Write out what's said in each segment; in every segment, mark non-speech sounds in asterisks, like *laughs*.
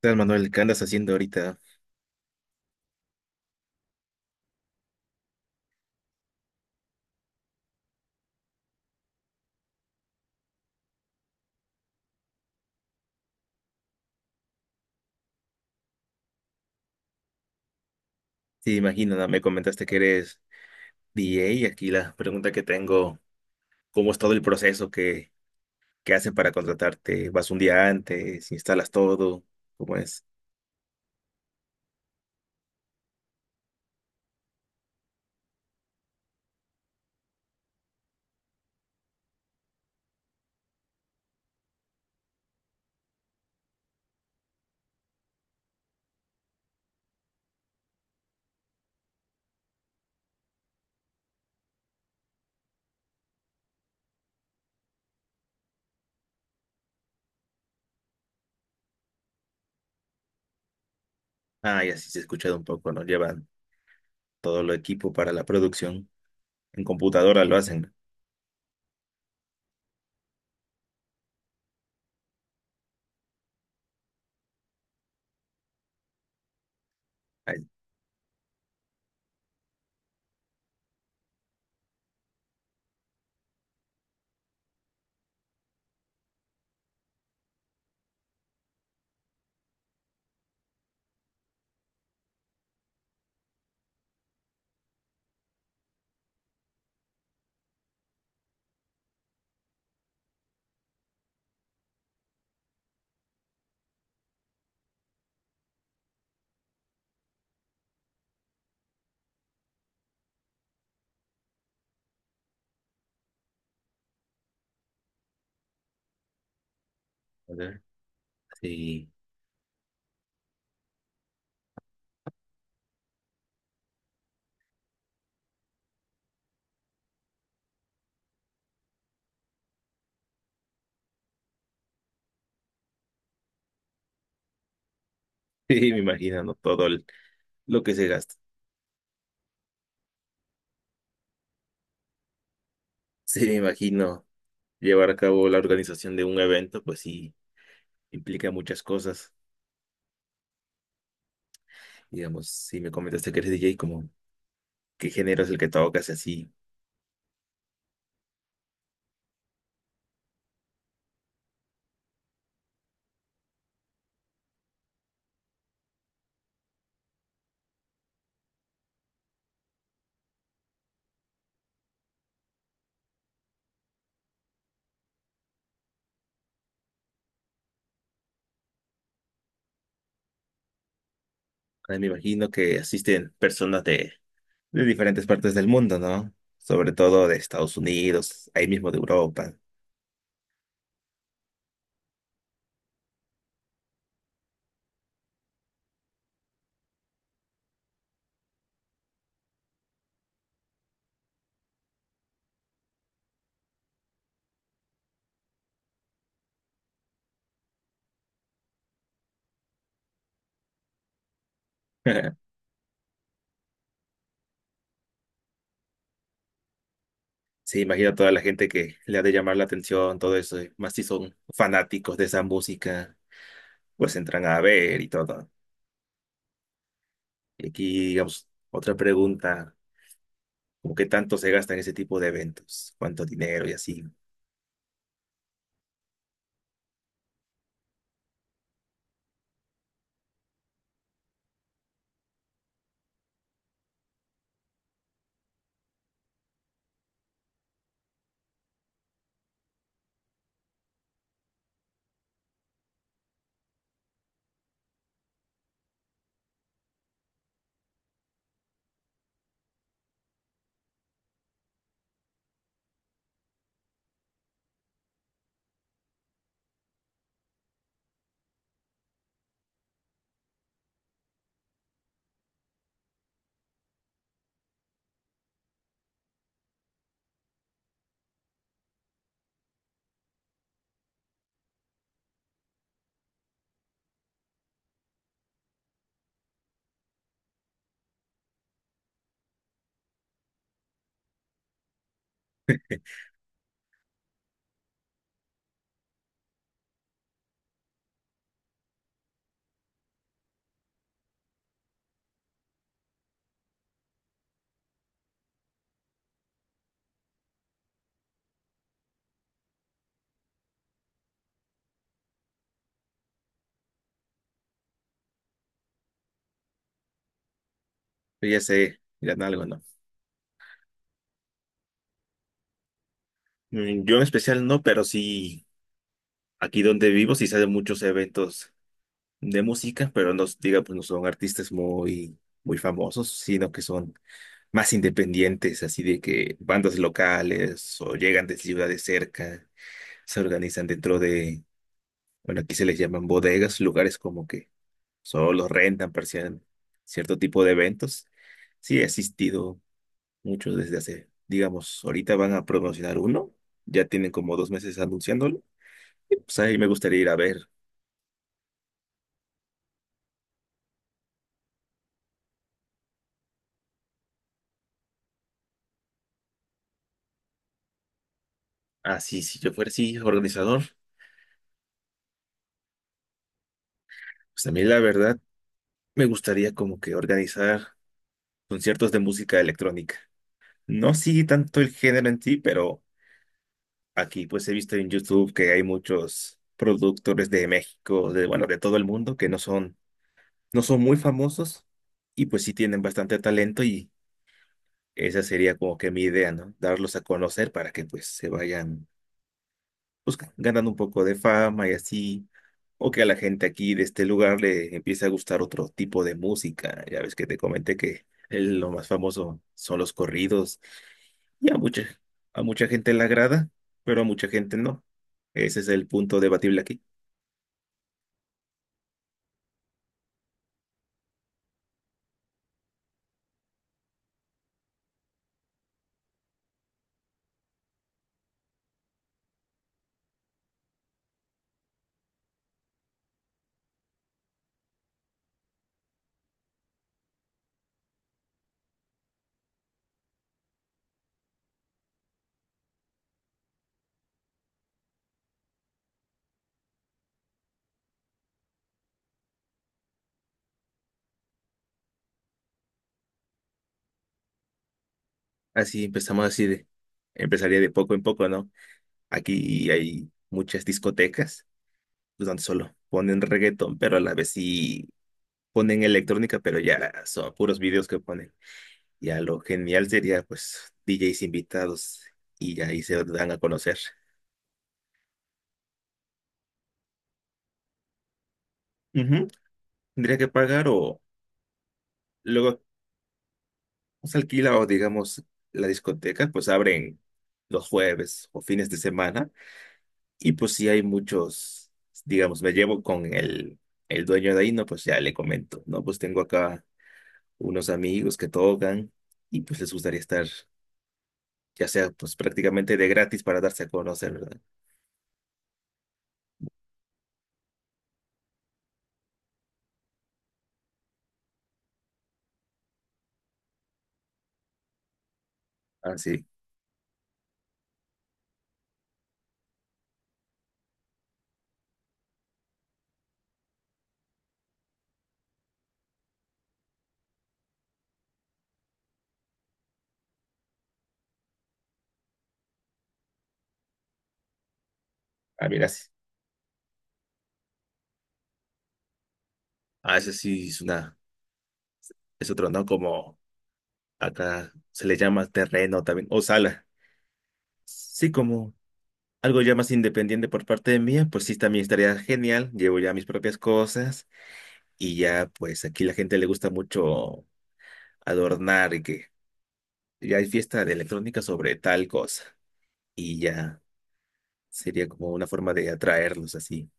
Tal, Manuel? ¿Qué andas haciendo ahorita? Sí, imagino, ¿no? Me comentaste que eres DJ y aquí la pregunta que tengo, ¿cómo es todo el proceso que hacen para contratarte? ¿Vas un día antes? ¿Instalas todo? ¿Cómo es? Ah, ya sí se ha escuchado un poco, ¿no? Llevan todo el equipo para la producción. En computadora lo hacen. Ay, a ver. Sí, *laughs* sí, me imagino, ¿no? Lo que se gasta. Sí, me imagino. Llevar a cabo la organización de un evento, pues sí, implica muchas cosas. Digamos, si me comentaste que eres DJ, qué género es el que tocas y así. Ahora me imagino que asisten personas de diferentes partes del mundo, ¿no? Sobre todo de Estados Unidos, ahí mismo de Europa. *laughs* Sí, imagino a toda la gente que le ha de llamar la atención, todo eso, y más si son fanáticos de esa música, pues entran a ver y todo. Y aquí, digamos, otra pregunta, ¿cómo qué tanto se gasta en ese tipo de eventos? ¿Cuánto dinero y así? Pero ya sé, miran algo, ¿no? Yo en especial no, pero sí, aquí donde vivo sí se hacen muchos eventos de música, pero no, diga, pues no son artistas muy famosos, sino que son más independientes, así de que bandas locales o llegan de ciudades cerca, se organizan bueno, aquí se les llaman bodegas, lugares como que solo rentan para cien- cierto tipo de eventos. Sí, he asistido mucho desde hace, digamos, ahorita van a promocionar uno, ya tienen como dos meses anunciándolo, y pues ahí me gustaría ir a ver. Así, si yo fuera, sí, organizador. Pues a mí la verdad me gustaría como que organizar conciertos de música electrónica. No sigue tanto el género en sí, pero aquí pues he visto en YouTube que hay muchos productores de México, de bueno, de todo el mundo que no son muy famosos y pues sí tienen bastante talento, y esa sería como que mi idea, ¿no? Darlos a conocer para que pues se vayan pues ganan un poco de fama y así, o que a la gente aquí de este lugar le empiece a gustar otro tipo de música. Ya ves que te comenté que lo más famoso son los corridos y a a mucha gente le agrada, pero a mucha gente no. Ese es el punto debatible aquí. Así empezamos así de, empezaría de poco en poco, ¿no? Aquí hay muchas discotecas pues, donde solo ponen reggaetón, pero a la vez sí ponen electrónica, pero ya son puros videos que ponen. Ya lo genial sería, pues, DJs invitados y ya ahí se dan a conocer. Ujú. Tendría que pagar o luego se alquila, o digamos la discoteca, pues abren los jueves o fines de semana y pues si hay muchos, digamos, me llevo con el dueño de ahí, no, pues ya le comento, no, pues tengo acá unos amigos que tocan y pues les gustaría estar, ya sea pues prácticamente de gratis para darse a conocer, ¿verdad? Así, ah, mira, sí. Ah, esa sí es una es otro, ¿no? Como acá se le llama terreno también, o sala. Sí, como algo ya más independiente por parte de mía, pues sí, también estaría genial. Llevo ya mis propias cosas, y ya, pues aquí la gente le gusta mucho adornar y que ya hay fiesta de electrónica sobre tal cosa. Y ya sería como una forma de atraerlos así.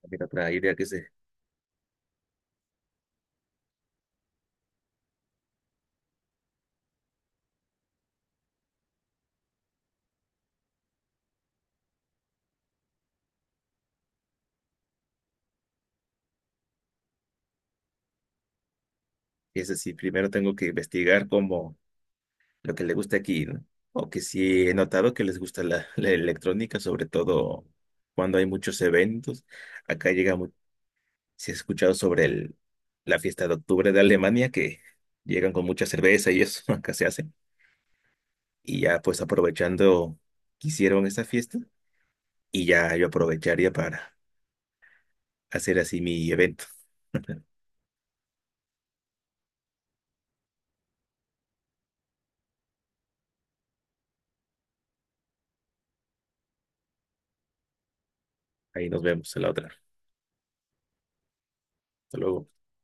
También otra idea que se, que es así, primero tengo que investigar cómo lo que le gusta aquí, ¿no? O que sí he notado que les gusta *laughs* la electrónica, sobre todo cuando hay muchos eventos. Acá llega, si has escuchado sobre la fiesta de octubre de Alemania, que llegan con mucha cerveza y eso, *laughs* acá se hace. Y ya pues aprovechando que hicieron esa fiesta, y ya yo aprovecharía para hacer así mi evento. *laughs* Ahí nos vemos a la otra. Hasta luego.